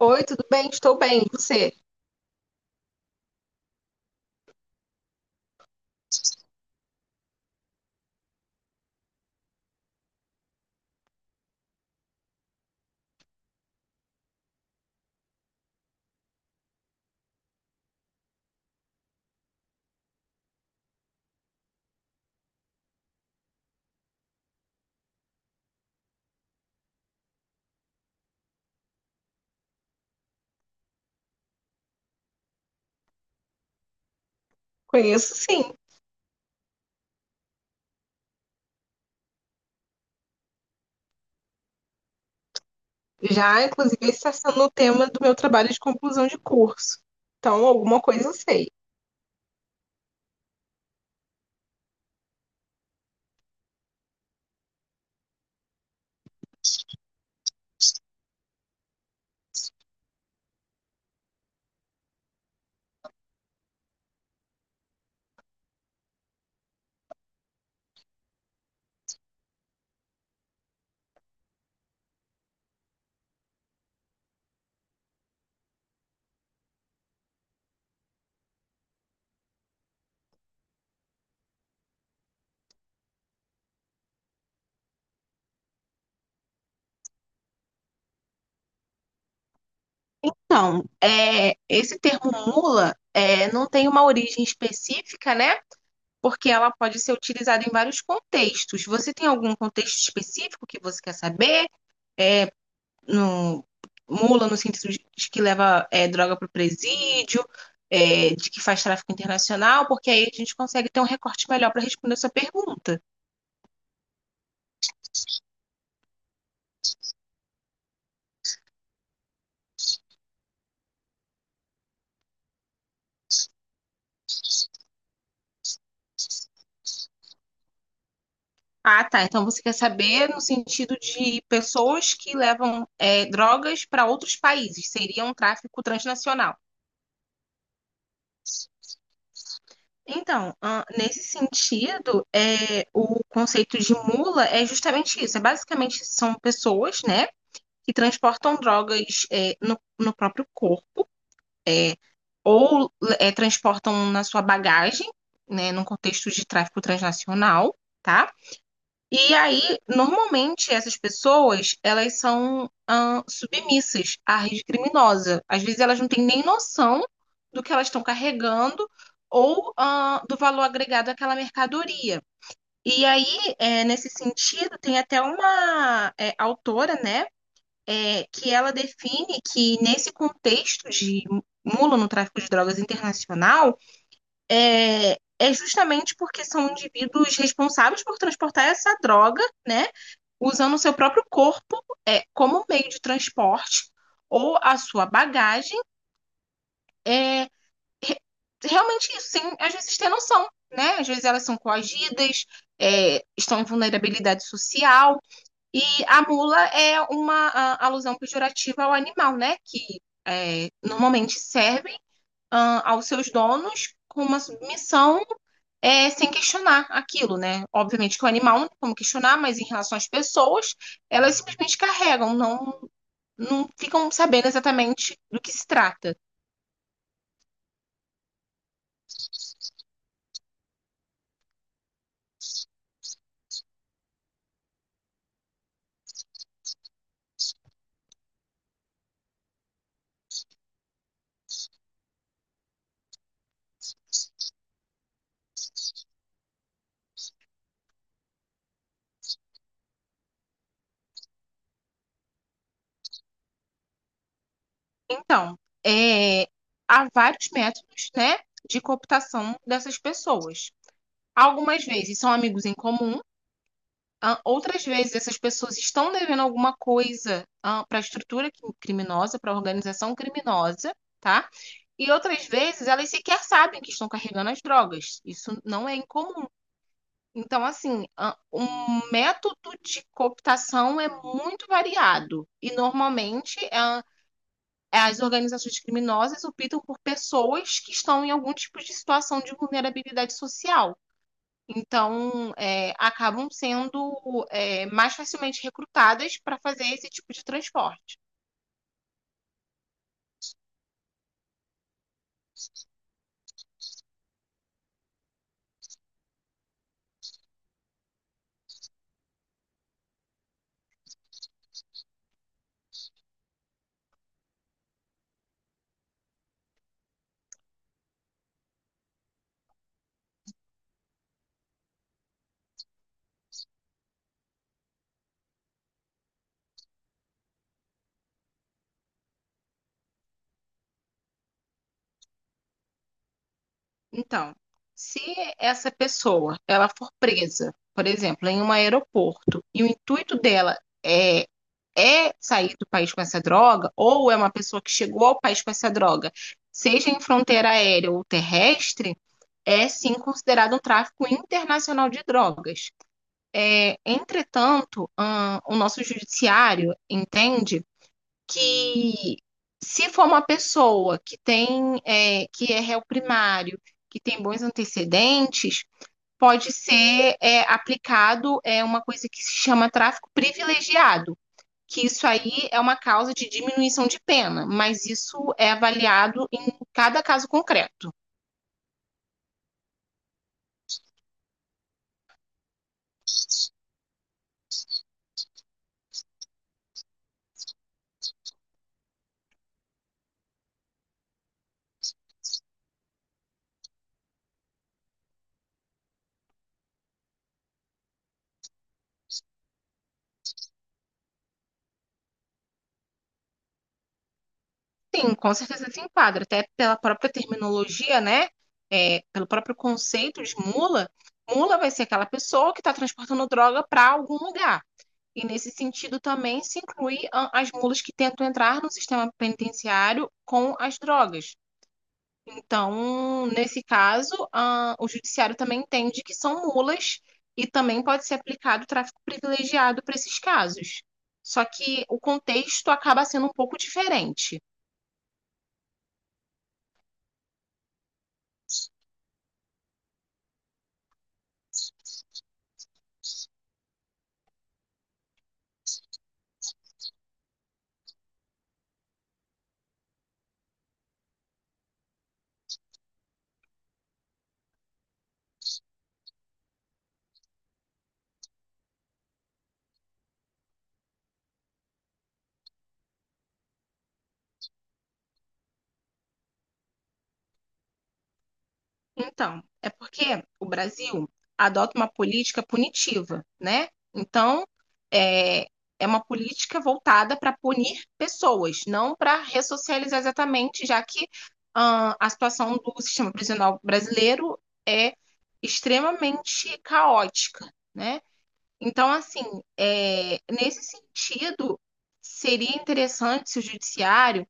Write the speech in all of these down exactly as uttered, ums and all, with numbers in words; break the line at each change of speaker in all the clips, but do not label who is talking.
Oi, tudo bem? Estou bem. E você? Conheço sim. Já, inclusive, esse está sendo o tema do meu trabalho de conclusão de curso. Então, alguma coisa eu sei. Então, é, esse termo mula é, não tem uma origem específica, né? Porque ela pode ser utilizada em vários contextos. Você tem algum contexto específico que você quer saber? No, mula no sentido de de que leva é, droga para o presídio, é, de que faz tráfico internacional, porque aí a gente consegue ter um recorte melhor para responder a sua pergunta. Ah, tá. Então você quer saber no sentido de pessoas que levam é, drogas para outros países. Seria um tráfico transnacional. Então, ah, nesse sentido, é, o conceito de mula é justamente isso. É basicamente são pessoas, né, que transportam drogas é, no, no próprio corpo ou é, transportam na sua bagagem, né, num contexto de tráfico transnacional, tá? E aí, normalmente, essas pessoas, elas são ahn, submissas à rede criminosa. Às vezes, elas não têm nem noção do que elas estão carregando ou ahn, do valor agregado àquela mercadoria. E aí, é, nesse sentido, tem até uma é, autora, né, é, que ela define que nesse contexto de mula no tráfico de drogas internacional, é, é justamente porque são indivíduos responsáveis por transportar essa droga, né? Usando o seu próprio corpo é, como meio de transporte ou a sua bagagem. É, realmente isso, sem às vezes ter noção, né? Às vezes elas são coagidas, é, estão em vulnerabilidade social. E a mula é uma a, alusão pejorativa ao animal, né? Que é, normalmente servem ah, aos seus donos com uma submissão é, sem questionar aquilo, né? Obviamente que o animal não tem como questionar, mas em relação às pessoas, elas simplesmente carregam, não, não ficam sabendo exatamente do que se trata. Então, é, há vários métodos, né, de cooptação dessas pessoas. Algumas vezes são amigos em comum, ah, outras vezes essas pessoas estão devendo alguma coisa ah, para a estrutura criminosa, para a organização criminosa, tá? E outras vezes elas sequer sabem que estão carregando as drogas. Isso não é incomum. Então, assim, a- o método de cooptação é muito variado e normalmente é- é, as organizações criminosas optam por pessoas que estão em algum tipo de situação de vulnerabilidade social. Então, é, acabam sendo, é, mais facilmente recrutadas para fazer esse tipo de transporte. Então, se essa pessoa ela for presa, por exemplo, em um aeroporto, e o intuito dela é é sair do país com essa droga, ou é uma pessoa que chegou ao país com essa droga, seja em fronteira aérea ou terrestre, é sim considerado um tráfico internacional de drogas. É, entretanto, hum, o nosso judiciário entende que se for uma pessoa que tem é, que é réu primário, que tem bons antecedentes, pode ser é, aplicado é, uma coisa que se chama tráfico privilegiado, que isso aí é uma causa de diminuição de pena, mas isso é avaliado em cada caso concreto. Sim, com certeza se enquadra, até pela própria terminologia, né? É, pelo próprio conceito de mula, mula vai ser aquela pessoa que está transportando droga para algum lugar. E nesse sentido também se inclui a- as mulas que tentam entrar no sistema penitenciário com as drogas. Então, nesse caso, a- o judiciário também entende que são mulas e também pode ser aplicado o tráfico privilegiado para esses casos. Só que o contexto acaba sendo um pouco diferente. Então, é porque o Brasil adota uma política punitiva, né? Então, é, é uma política voltada para punir pessoas, não para ressocializar exatamente, já que ah, a situação do sistema prisional brasileiro é extremamente caótica, né? Então, assim, é, nesse sentido, seria interessante se o judiciário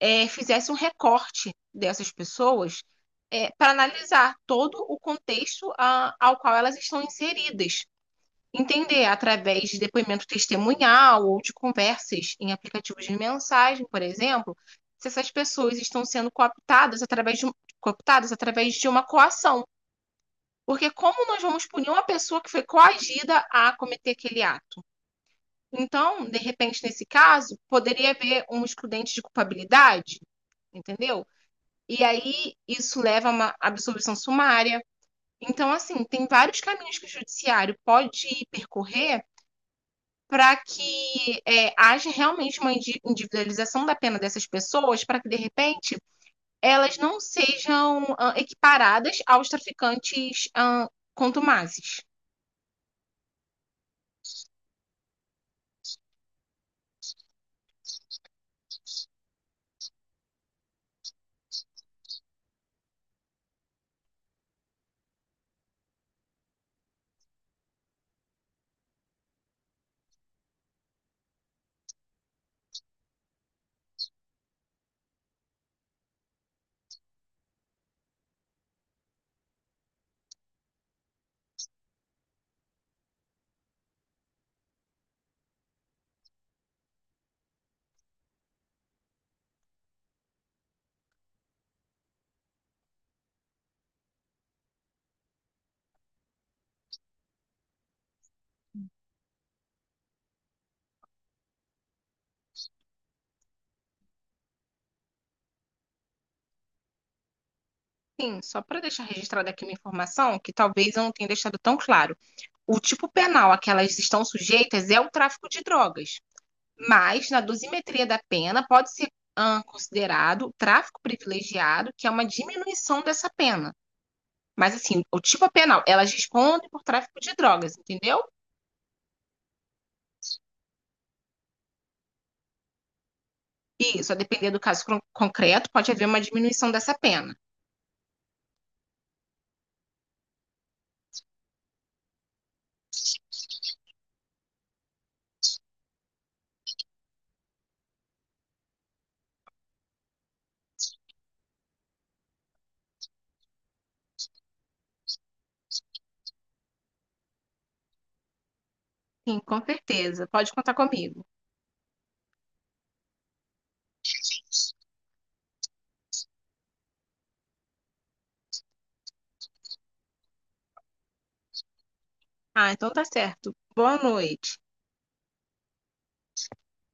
é, fizesse um recorte dessas pessoas é, para analisar todo o contexto ah, ao qual elas estão inseridas. Entender através de depoimento testemunhal ou de conversas em aplicativos de mensagem, por exemplo, se essas pessoas estão sendo cooptadas através de, um- cooptadas através de uma coação. Porque como nós vamos punir uma pessoa que foi coagida a cometer aquele ato? Então, de repente, nesse caso, poderia haver um excludente de culpabilidade, entendeu? E aí isso leva a uma absolvição sumária. Então, assim, tem vários caminhos que o judiciário pode percorrer para que é, haja realmente uma individualização da pena dessas pessoas, para que, de repente, elas não sejam ah, equiparadas aos traficantes ah, contumazes. Sim, só para deixar registrada aqui uma informação que talvez eu não tenha deixado tão claro. O tipo penal a que elas estão sujeitas é o tráfico de drogas. Mas na dosimetria da pena pode ser ah, considerado tráfico privilegiado, que é uma diminuição dessa pena. Mas assim, o tipo penal, elas respondem por tráfico de drogas, entendeu? E só depender do caso con- concreto, pode haver uma diminuição dessa pena. Sim, com certeza. Pode contar comigo. Ah, então tá certo. Boa noite.